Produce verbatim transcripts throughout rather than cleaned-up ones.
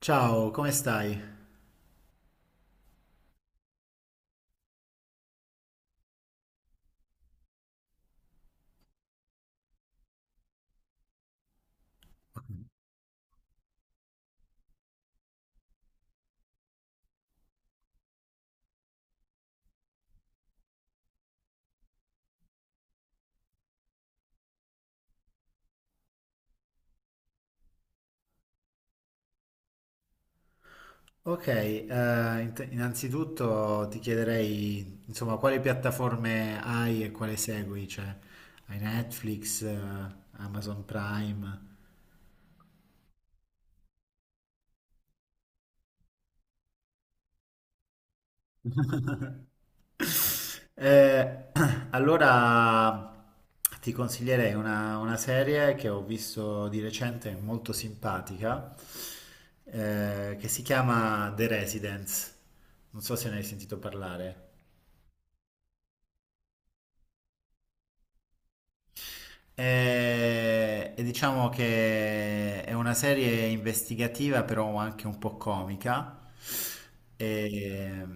Ciao, come stai? Ok, eh, int- innanzitutto ti chiederei, insomma, quali piattaforme hai e quale segui? Cioè, hai Netflix, eh, Amazon Prime? Eh, allora, ti consiglierei una, una serie che ho visto di recente, molto simpatica, eh, che si chiama The Residence. Non so se ne hai sentito parlare. E, e diciamo che è una serie investigativa, però anche un po' comica, e-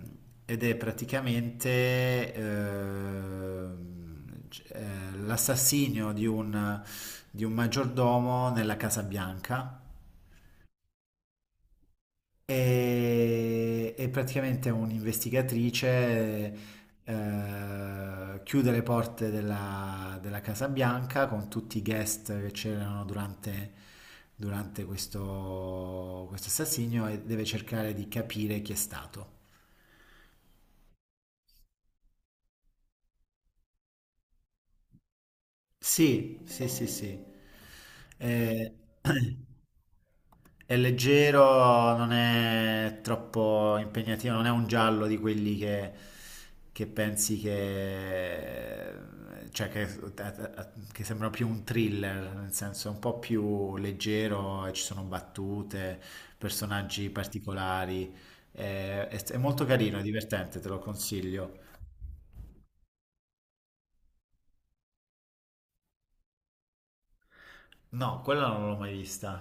ed è praticamente ehm, c- eh, l'assassinio di un, di un maggiordomo nella Casa Bianca, e, e praticamente è un'investigatrice, eh, chiude le porte della, della Casa Bianca con tutti i guest che c'erano durante, durante questo, questo assassinio, e deve cercare di capire chi è stato. Sì, sì, sì, sì. Eh, È leggero, non è troppo impegnativo, non è un giallo di quelli che, che pensi che, cioè che, che sembra più un thriller, nel senso è un po' più leggero e ci sono battute, personaggi particolari. È, è- è molto carino, è divertente, te lo consiglio. No, quella non l'ho mai vista.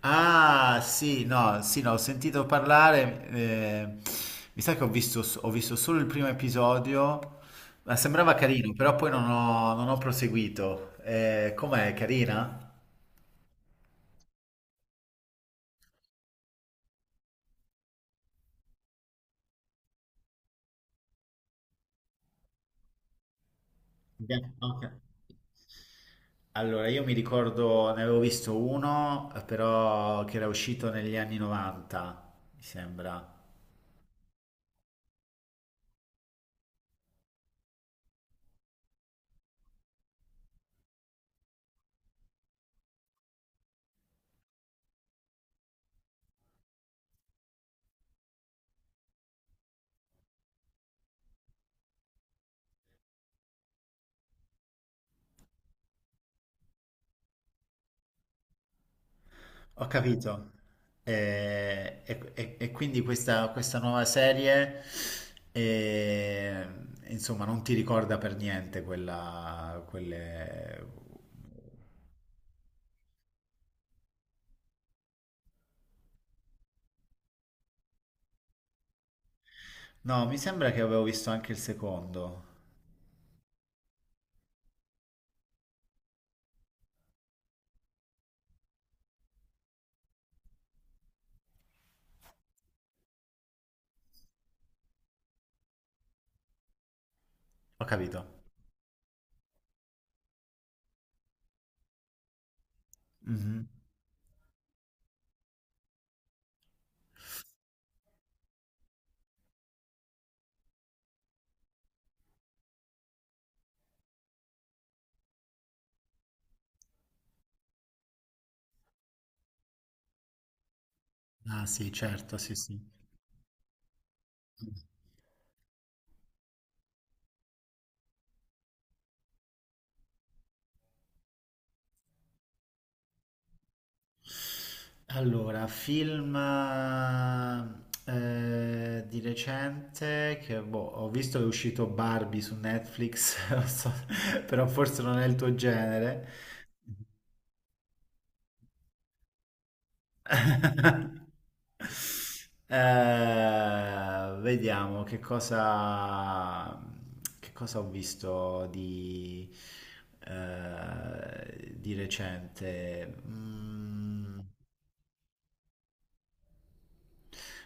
Ah, sì, no, sì, no, ho sentito parlare, eh, mi sa che ho visto, s- ho visto solo il primo episodio, ma sembrava carino, però poi non ho, non ho proseguito. Eh, com'è, carina? Beh, ok. Allora, io mi ricordo, ne avevo visto uno, però che era uscito negli anni novanta, mi sembra. Ho capito. E, e- e- e quindi questa, questa nuova serie, eh, insomma, non ti ricorda per niente quella, quelle. No, mi sembra che avevo visto anche il secondo. Ho capito. Mhm. Ah, sì, certo, sì, sì. Allora, film eh, di recente che boh, ho visto che è uscito Barbie su Netflix, non so, però forse non è il tuo genere. Eh, vediamo che cosa, che cosa ho visto di, eh, di recente. Mm.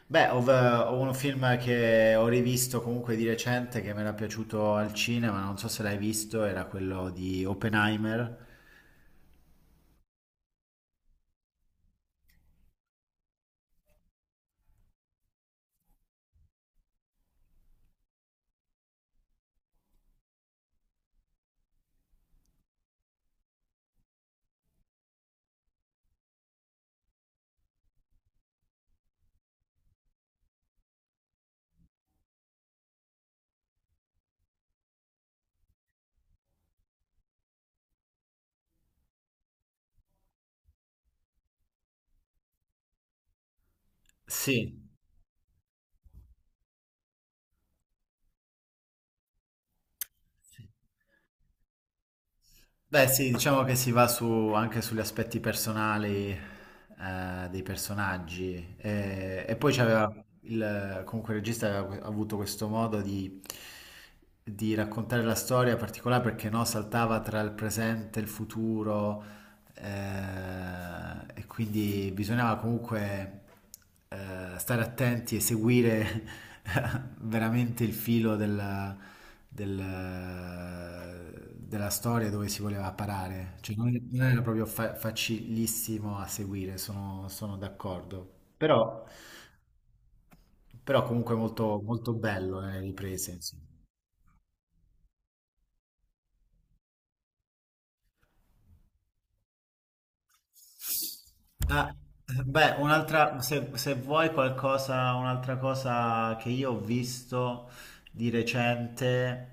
Beh, ov- ho un film che ho rivisto comunque di recente che mi era piaciuto al cinema, non so se l'hai visto, era quello di Oppenheimer. Sì. Beh, sì, diciamo che si va su, anche sugli aspetti personali, eh, dei personaggi. E, e poi c'aveva il, comunque il regista aveva que- avuto questo modo di, di raccontare la storia particolare perché no, saltava tra il presente e il futuro, eh, e quindi bisognava comunque, eh, stare attenti e seguire veramente il filo del- del- della storia dove si voleva parare. Cioè, non, non era proprio fa- facilissimo a seguire, sono, sono d'accordo. Però, però comunque molto, molto bello nelle riprese, insomma. Ah, beh, un'altra, se, se vuoi qualcosa, un'altra cosa che io ho visto di recente,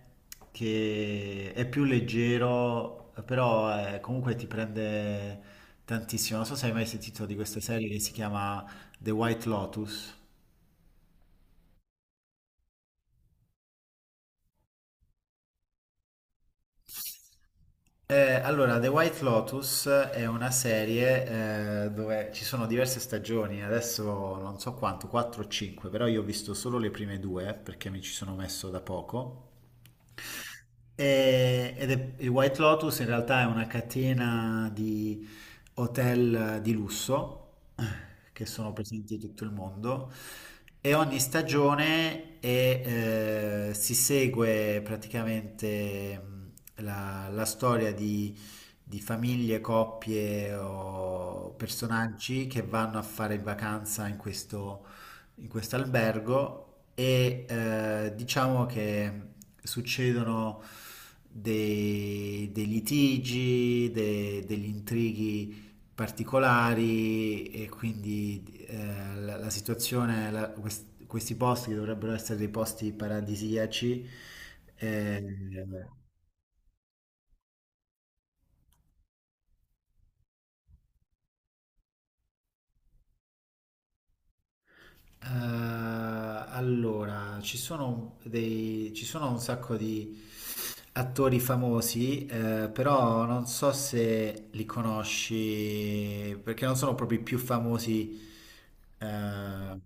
che è più leggero, però eh, comunque ti prende tantissimo. Non so se hai mai sentito di questa serie che si chiama The White Lotus. Eh, allora, The White Lotus è una serie, eh, dove ci sono diverse stagioni, adesso non so quanto, quattro o cinque, però io ho visto solo le prime due perché mi ci sono messo da poco. E- ed è- il White Lotus in realtà è una catena di hotel, eh, di lusso, eh, che sono presenti in tutto il mondo, e ogni stagione è, eh, si segue praticamente, mh, la, la storia di, di famiglie, coppie o personaggi che vanno a fare in vacanza in questo, in questo albergo, e eh, diciamo che succedono dei, dei litigi, de- degli intrighi particolari, e quindi eh, la, la situazione, la- quest- questi posti che dovrebbero essere dei posti paradisiaci. eh, Eh, allora, ci sono dei, ci sono un sacco di attori famosi, eh, però non so se li conosci, perché non sono proprio i più famosi. eh,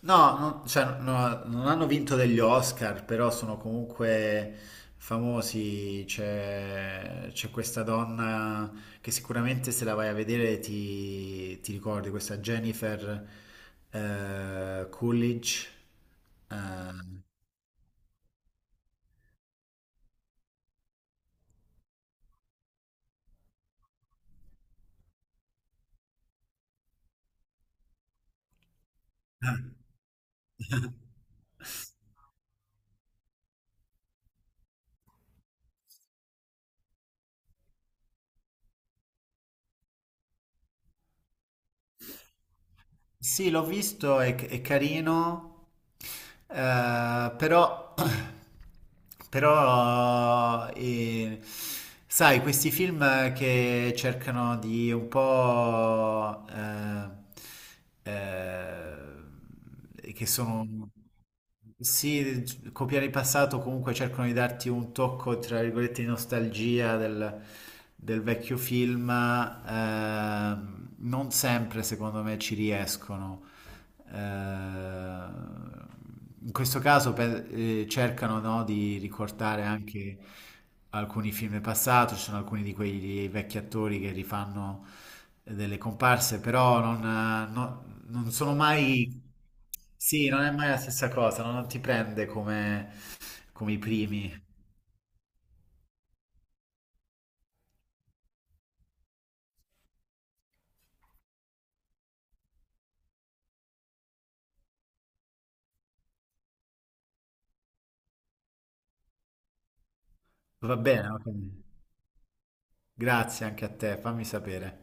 No, non, cioè, no, non hanno vinto degli Oscar, però sono comunque famosi. C'è c'è questa donna che sicuramente, se la vai a vedere, ti, ti ricordi, questa Jennifer, eh, Coolidge. Eh, sì, l'ho visto, è, è carino. Eh, però, però eh, sai, questi film che cercano di un po', eh, eh, che sono, sì, copiare il passato, comunque cercano di darti un tocco, tra virgolette, di nostalgia del, del vecchio film, ehm, non sempre, secondo me, ci riescono. Eh, Ehm, In questo caso per- eh, cercano, no, di ricordare anche alcuni film passati, ci sono alcuni di quei vecchi attori che rifanno delle comparse, però non, eh, no- non sono mai. Sì, non è mai la stessa cosa, no, non ti prende come, come i primi. Va bene, va bene. Grazie anche a te, fammi sapere.